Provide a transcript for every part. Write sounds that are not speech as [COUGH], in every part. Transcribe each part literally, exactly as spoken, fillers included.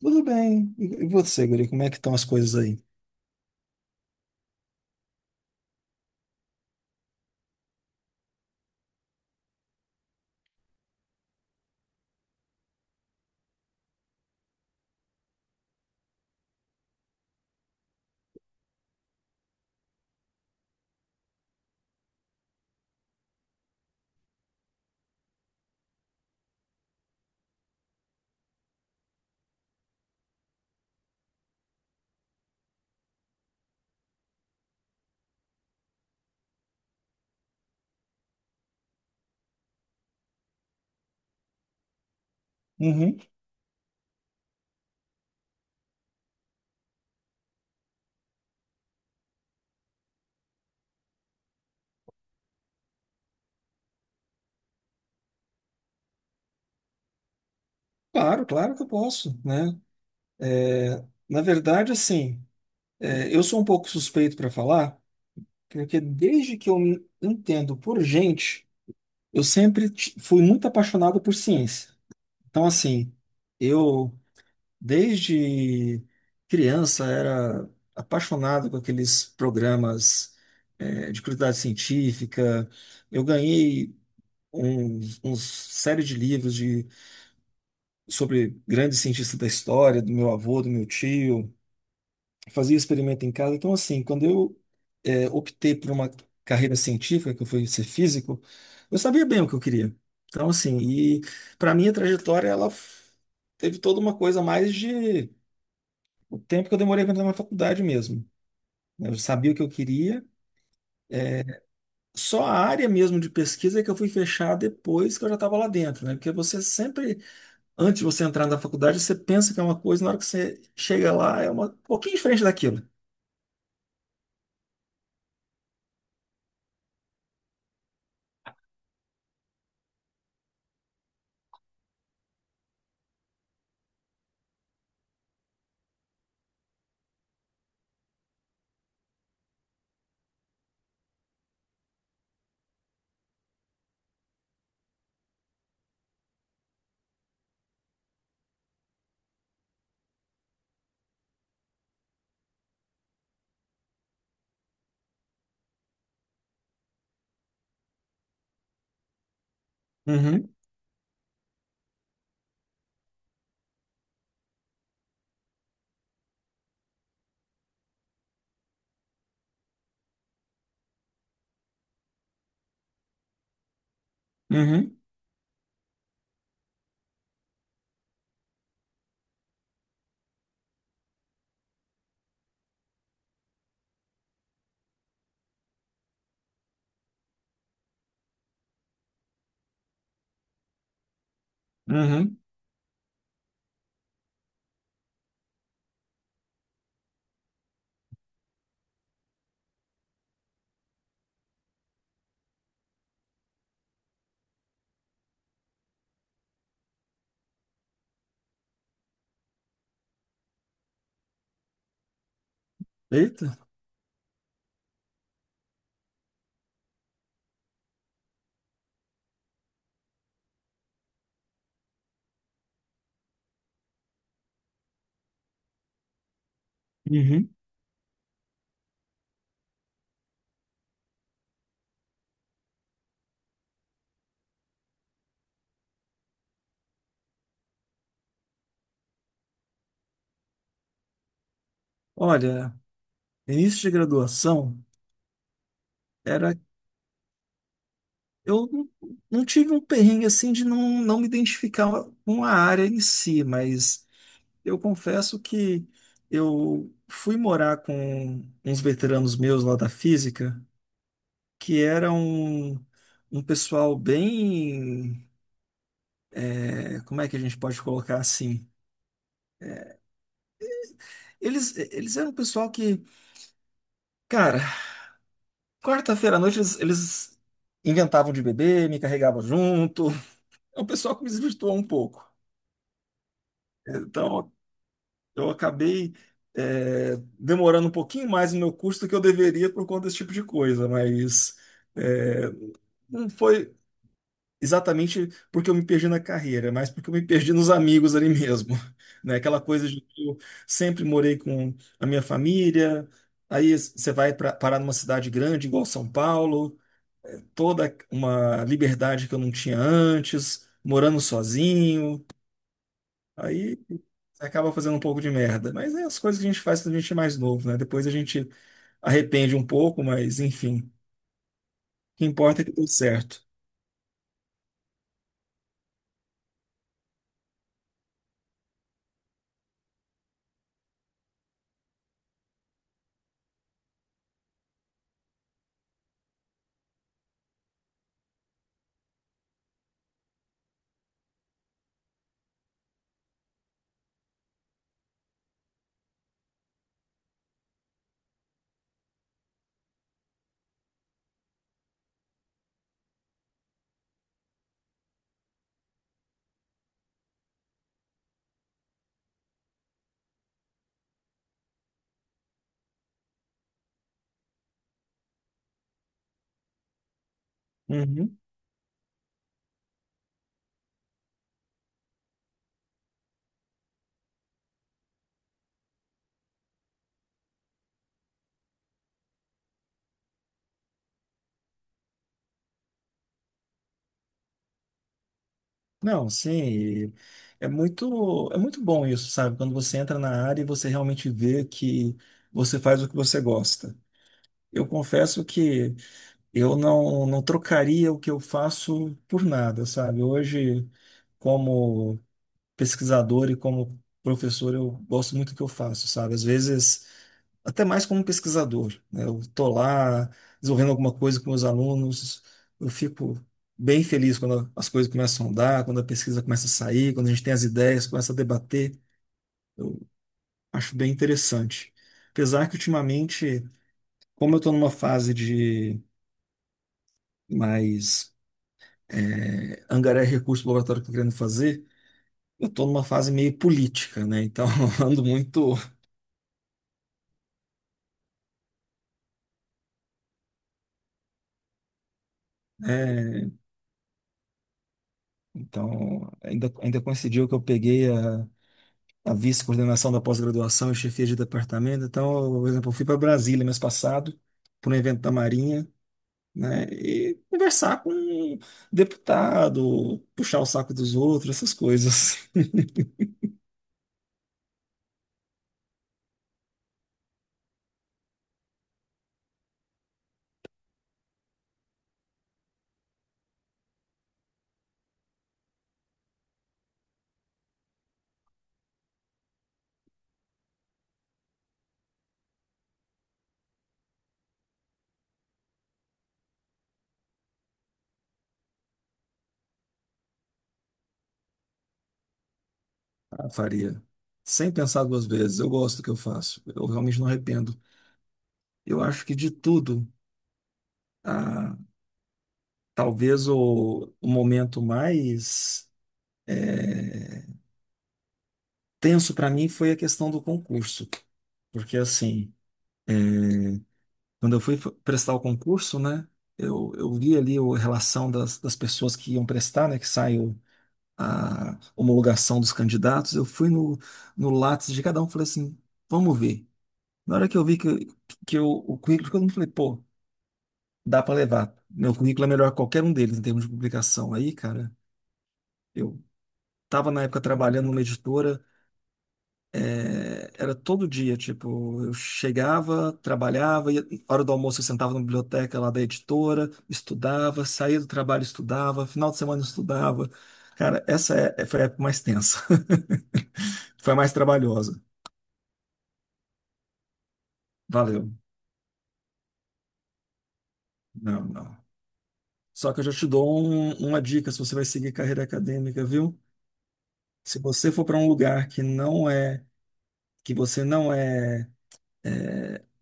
Tudo bem. E e você, Guri, como é que estão as coisas aí? Uhum. Claro, claro que eu posso, né? Na verdade, assim, é, eu sou um pouco suspeito para falar, porque desde que eu me entendo por gente, eu sempre ti- fui muito apaixonado por ciência. Então, assim, eu desde criança era apaixonado com aqueles programas, é, de curiosidade científica. Eu ganhei um, uns série de livros sobre grandes cientistas da história, do meu avô, do meu tio, fazia experimento em casa. Então, assim, quando eu eh, optei por uma carreira científica, que eu fui ser físico, eu sabia bem o que eu queria. Então, assim, e para mim a trajetória, ela f- teve toda uma coisa mais de o tempo que eu demorei para entrar na faculdade mesmo, né? Eu sabia o que eu queria. Só a área mesmo de pesquisa é que eu fui fechar depois que eu já estava lá dentro, né? Porque você sempre antes de você entrar na faculdade, você pensa que é uma coisa, na hora que você chega lá, é uma um pouquinho diferente daquilo. Uhum, uhum, uhum. Eita. Uhum. Olha, início de graduação era. Eu não não tive um perrengue assim de não, não me identificar com a área em si, mas eu confesso que eu fui morar com uns veteranos meus lá da física, que eram um um pessoal bem. É, como é que a gente pode colocar assim? Eles, eles eram um pessoal que, cara, quarta-feira à noite eles, eles inventavam de beber, me carregavam junto. É um pessoal que me desvirtuou um pouco. Então, eu acabei, é, demorando um pouquinho mais no meu curso do que eu deveria por conta desse tipo de coisa, mas é, não foi exatamente porque eu me perdi na carreira, mas porque eu me perdi nos amigos ali mesmo, [LAUGHS] né? Aquela coisa de que eu sempre morei com a minha família, aí você vai pra, parar numa cidade grande igual São Paulo, toda uma liberdade que eu não tinha antes, morando sozinho, aí você acaba fazendo um pouco de merda, mas é as coisas que a gente faz quando a gente é mais novo, né? Depois a gente arrepende um pouco, mas enfim, o que importa é que deu certo. Uhum. Não, sim, e é muito, é muito bom isso, sabe? Quando você entra na área e você realmente vê que você faz o que você gosta. Eu confesso que eu não, não trocaria o que eu faço por nada, sabe? Hoje, como pesquisador e como professor, eu gosto muito do que eu faço, sabe? Às vezes até mais como pesquisador, né? Eu estou lá desenvolvendo alguma coisa com meus alunos, eu fico bem feliz quando as coisas começam a andar, quando a pesquisa começa a sair, quando a gente tem as ideias, começa a debater, eu acho bem interessante. Apesar que ultimamente, como eu estou numa fase de mais é, angariar recursos para o laboratório que eu estou querendo fazer, eu estou numa fase meio política, né? Então, [LAUGHS] ando muito, né? Então, ainda, ainda coincidiu que eu peguei a a vice-coordenação da pós-graduação e chefia de departamento. Então, eu, por exemplo, eu fui para Brasília mês passado, para um evento da Marinha, né? E conversar com um deputado, puxar o saco dos outros, essas coisas. [LAUGHS] Ah, faria. Sem pensar duas vezes. Eu gosto do que eu faço. Eu realmente não arrependo. Eu acho que de tudo, ah, talvez o, o momento mais eh, tenso para mim foi a questão do concurso. Porque assim, quando eu fui f- prestar o concurso, né, eu, eu vi ali o- a relação das, das pessoas que iam prestar, né, que saiu a homologação dos candidatos. Eu fui no, no Lattes de cada um, falei assim, vamos ver. Na hora que eu vi que, que eu, o currículo, de todo falei, pô, dá para levar. Meu currículo é melhor que qualquer um deles em termos de publicação. Aí, cara, eu estava na época trabalhando numa editora. É, era todo dia, tipo, eu chegava, trabalhava, ia, hora do almoço eu sentava na biblioteca lá da editora, estudava, saía do trabalho, estudava, final de semana estudava. Cara, essa é, é- foi a época mais tensa. [LAUGHS] Foi a mais trabalhosa. Valeu. Não, não. Só que eu já te dou um- uma dica se você vai seguir carreira acadêmica, viu? Se você for para um lugar que não é, que você não é é,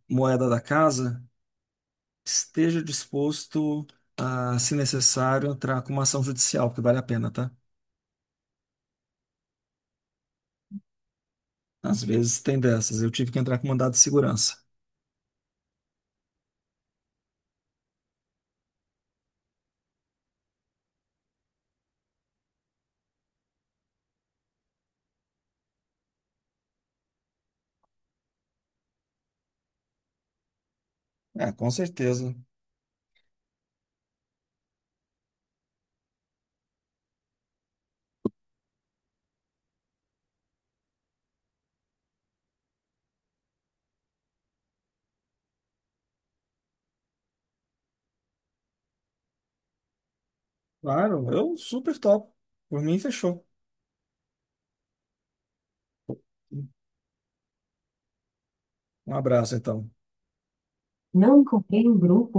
moeda da casa, esteja disposto a, se necessário, entrar com uma ação judicial, porque vale a pena, tá? Às vezes tem dessas. Eu tive que entrar com mandado de segurança. É, com certeza. Claro, eu super top. Por mim, fechou. Um abraço, então. Não encontrei o grupo.